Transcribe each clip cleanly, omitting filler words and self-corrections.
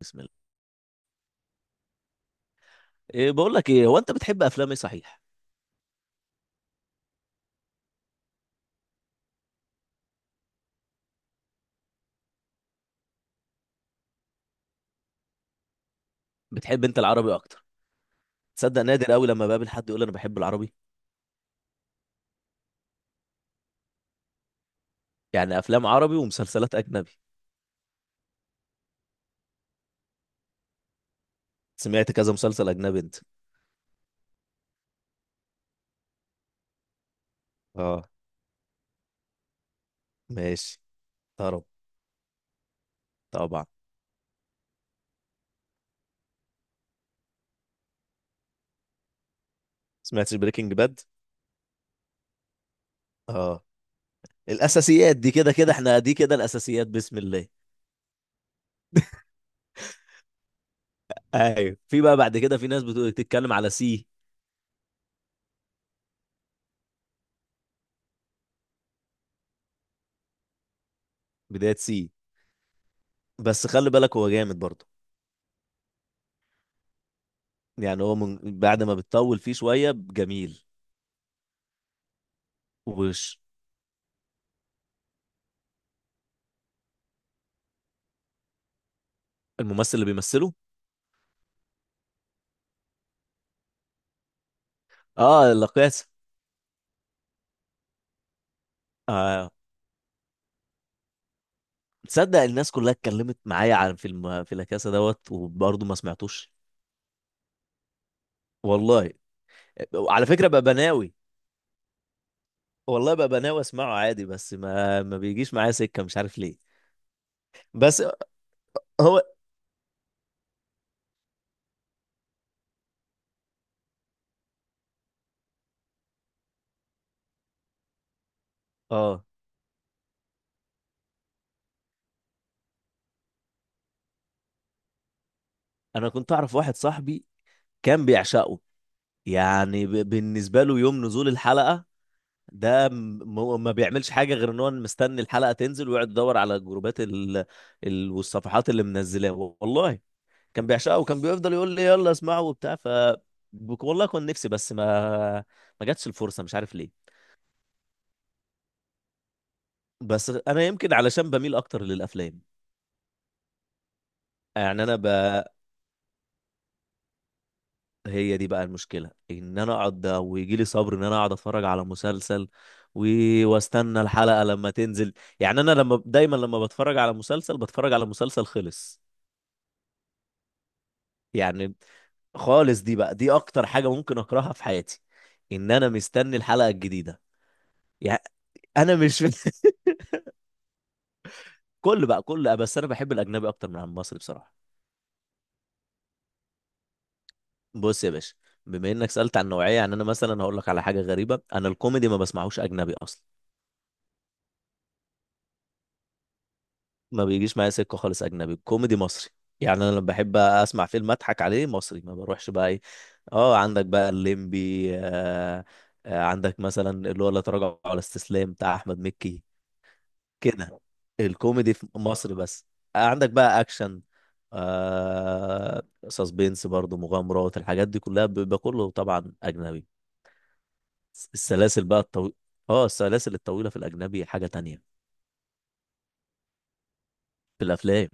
بسم الله. إيه، بقول لك ايه، هو انت بتحب افلام ايه صحيح؟ بتحب انت العربي اكتر؟ تصدق نادر قوي لما بقابل حد يقول انا بحب العربي. يعني افلام عربي ومسلسلات اجنبي؟ سمعت كذا مسلسل اجنبي انت؟ اه، ماشي. طرب. طبعا. سمعتش بريكنج باد؟ اه. الاساسيات دي كده كده، احنا دي كده الاساسيات، بسم الله. ايوه، في بقى بعد كده في ناس بتقول تتكلم على سي. بداية سي؟ بس خلي بالك هو جامد برضه. يعني هو من بعد ما بتطول فيه شوية جميل. وش؟ الممثل اللي بيمثله؟ اه. لا. آه. تصدق الناس كلها اتكلمت معايا عن فيلم في لاكاسا دوت وبرضه ما سمعتوش. والله. على فكرة بقى بناوي. والله بقى بناوي اسمعه عادي، بس ما بيجيش معايا سكة، مش عارف ليه. بس هو اه. انا كنت اعرف واحد صاحبي. كان بيعشقه. يعني بالنسبة له يوم نزول الحلقة. ده ما بيعملش حاجة غير ان هو مستني الحلقة تنزل ويقعد يدور على الجروبات والصفحات اللي منزلاها. والله كان بيعشقها وكان بيفضل يقول لي يلا اسمعه وبتاع والله كان نفسي، بس ما جاتش الفرصة، مش عارف ليه. بس انا يمكن علشان بميل اكتر للافلام. يعني هي دي بقى المشكلة ان انا اقعد ويجي لي صبر ان انا اقعد اتفرج على مسلسل و... واستنى الحلقة لما تنزل. يعني انا لما دايما لما بتفرج على مسلسل بتفرج على مسلسل خلص. يعني خالص، دي بقى دي اكتر حاجة ممكن اكرهها في حياتي، ان انا مستني الحلقة الجديدة. يعني انا مش كل بقى كل، بس انا بحب الاجنبي اكتر من المصري بصراحه. بص يا باشا، بما انك سالت عن نوعيه، يعني انا مثلا هقول لك على حاجه غريبه، انا الكوميدي ما بسمعوش اجنبي اصلا. ما بيجيش معايا سكه خالص اجنبي، الكوميدي مصري. يعني انا لما بحب اسمع فيلم اضحك عليه مصري ما بروحش بقى ايه. اه، عندك بقى الليمبي آه. عندك مثلا اللي هو لا تراجع ولا استسلام بتاع احمد مكي، كده. الكوميدي في مصر بس. عندك بقى اكشن، آه، سسبينس، برضو مغامرات، الحاجات دي كلها بيبقى كله طبعا اجنبي. السلاسل بقى الطويلة. اه، السلاسل الطويلة في الاجنبي حاجة تانية. في الافلام.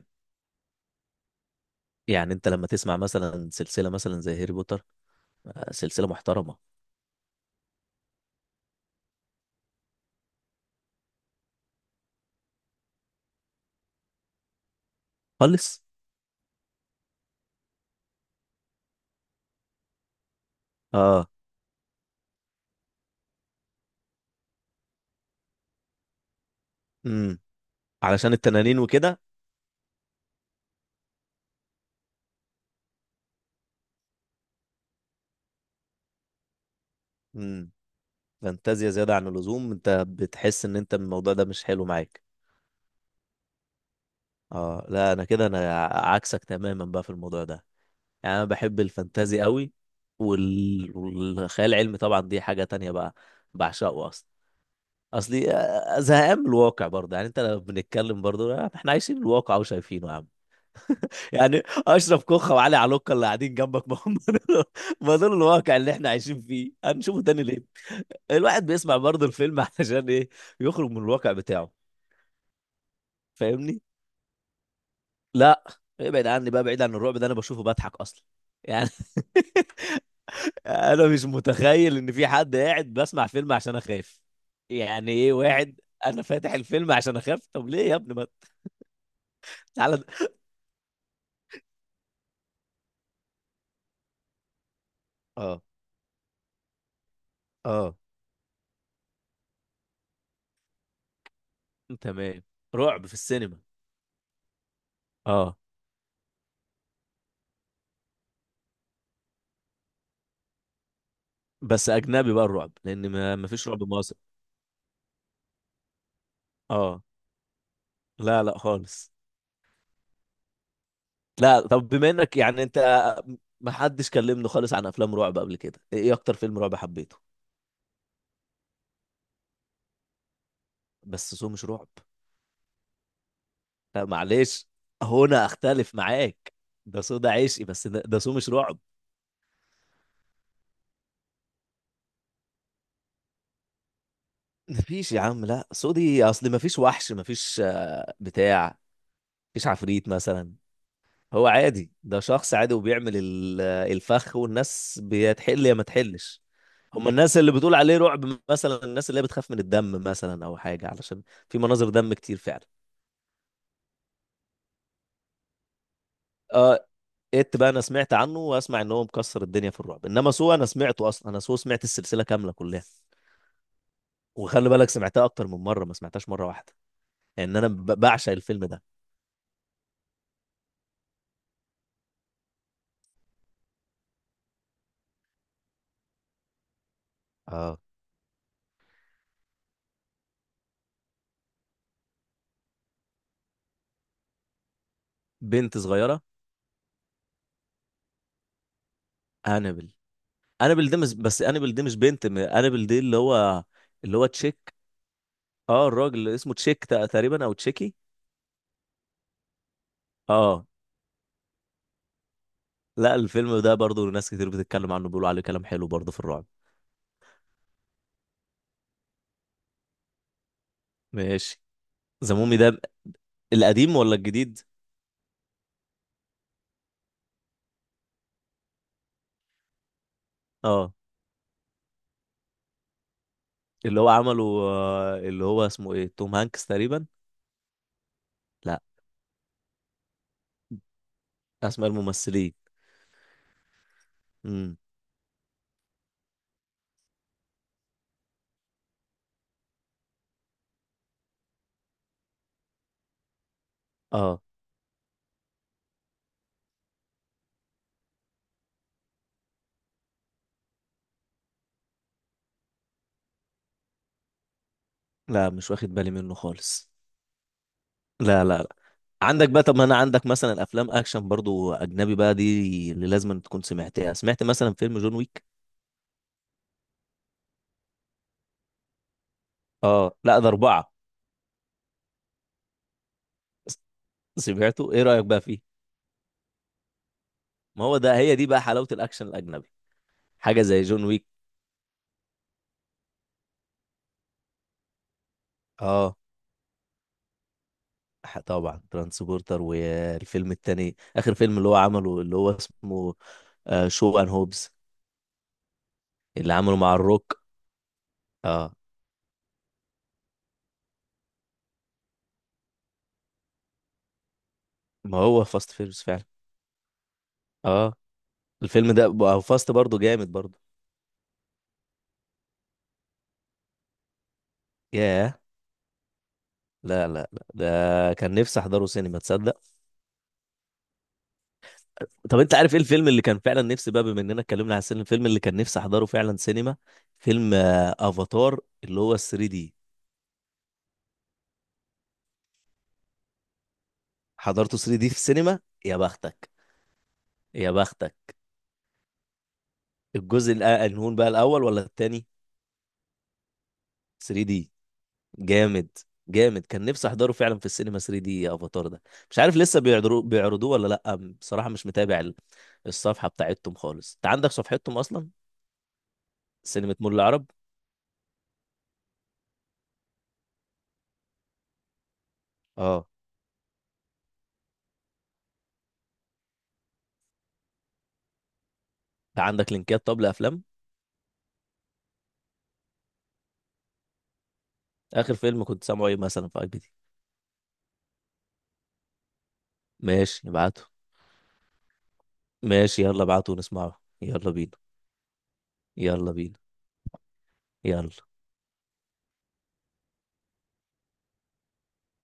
يعني انت لما تسمع مثلا سلسلة مثلا زي هاري بوتر، آه سلسلة محترمة. خالص. اه. امم علشان التنانين وكده. امم فانتازيا زيادة عن اللزوم، انت بتحس ان انت الموضوع ده مش حلو معاك. اه لا، انا كده انا عكسك تماما بقى في الموضوع ده. يعني انا بحب الفانتازي قوي والخيال العلمي طبعا دي حاجة تانية بقى، بعشقه اصلا. اصلي زهقان من الواقع برضه. يعني انت لو بنتكلم برضه احنا عايشين الواقع وشايفينه يا عم. يعني اشرف كوخه وعلي علوكه اللي قاعدين جنبك، ما هم دول، ما دول الواقع اللي احنا عايشين فيه، هنشوفه تاني ليه؟ الواحد بيسمع برضه الفيلم علشان ايه؟ يخرج من الواقع بتاعه. فاهمني؟ لا، ابعد عني بقى، بعيد عن الرعب ده انا بشوفه بضحك اصلا. يعني انا مش متخيل ان في حد قاعد بسمع فيلم عشان اخاف. يعني ايه واحد انا فاتح الفيلم عشان اخاف؟ طب ليه يا ابني، ما تعالى. اه، اه. تمام. رعب في السينما. اه. بس اجنبي بقى الرعب، لان ما فيش رعب مصري. اه لا، لا خالص. لا طب، بما انك يعني انت ما حدش كلمني خالص عن افلام رعب قبل كده، ايه اكتر فيلم رعب حبيته؟ بس سو مش رعب. لا معلش، هنا اختلف معاك. ده سو ده عشقي، بس ده سو مش رعب. مفيش يا عم لا، سودي اصل مفيش وحش، مفيش آه، بتاع مفيش عفريت مثلا. هو عادي، ده شخص عادي وبيعمل الفخ، والناس بتحل يا ما تحلش. هم الناس اللي بتقول عليه رعب مثلا الناس اللي هي بتخاف من الدم مثلا او حاجه، علشان في مناظر دم كتير فعلا. اه. ات بقى انا سمعت عنه واسمع ان هو مكسر الدنيا في الرعب، انما سو انا سمعته اصلا. انا سو سمعت السلسله كامله كلها، وخلي بالك سمعتها اكتر من مره، ما سمعتهاش مره واحده، لان يعني انا بعشق الفيلم ده. اه. بنت صغيره. انابل. انابل ده مش، بس انابل ده مش بنت انابل ده اللي هو، اللي هو تشيك. اه، الراجل اللي اسمه تشيك تقريبا او تشيكي. اه. لا، الفيلم ده برضو ناس كتير بتتكلم عنه بيقولوا عليه كلام حلو برضو في الرعب. ماشي. زمومي ده القديم ولا الجديد؟ اه، اللي هو عمله اللي هو اسمه ايه، توم هانكس تقريبا. لا، اسماء الممثلين. امم اه لا، مش واخد بالي منه خالص. لا لا لا. عندك بقى، طب ما انا عندك مثلا افلام اكشن برضو اجنبي بقى دي اللي لازم تكون سمعتها. سمعت مثلا فيلم جون ويك؟ اه لا ده اربعة. س- سمعته، ايه رأيك بقى فيه؟ ما هو ده، هي دي بقى حلاوة الاكشن الاجنبي، حاجة زي جون ويك. اه. طبعا ترانسبورتر، والفيلم التاني، اخر فيلم اللي هو عمله اللي هو اسمه شو ان هوبز، اللي عمله مع الروك. اه. ما هو فاست فيرس فعلا. اه. الفيلم ده فاست برضو جامد برضو. ياه. لا لا لا، ده كان نفسي احضره سينما تصدق. طب انت عارف ايه الفيلم اللي كان فعلا نفسي بقى، بما اننا اتكلمنا على السينما، الفيلم اللي كان نفسي احضره فعلا سينما؟ فيلم افاتار اللي هو 3 دي. حضرته 3 دي في السينما، يا بختك. يا بختك. الجزء الأنهون بقى، الاول ولا التاني؟ 3 دي؟ جامد. جامد، كان نفسي احضره فعلا في السينما 3 دي يا افاتار ده. مش عارف لسه بيعرضوه بيعرضوه ولا لا. بصراحة مش متابع الصفحة بتاعتهم خالص، انت عندك صفحتهم اصلا؟ سينما مول العرب. اه. انت عندك لينكات طب لافلام؟ اخر فيلم كنت سامعه ايه مثلا في اي بي دي؟ ماشي ابعته. ماشي يلا ابعته ونسمعه، يلا بينا. يلا بينا. يلا.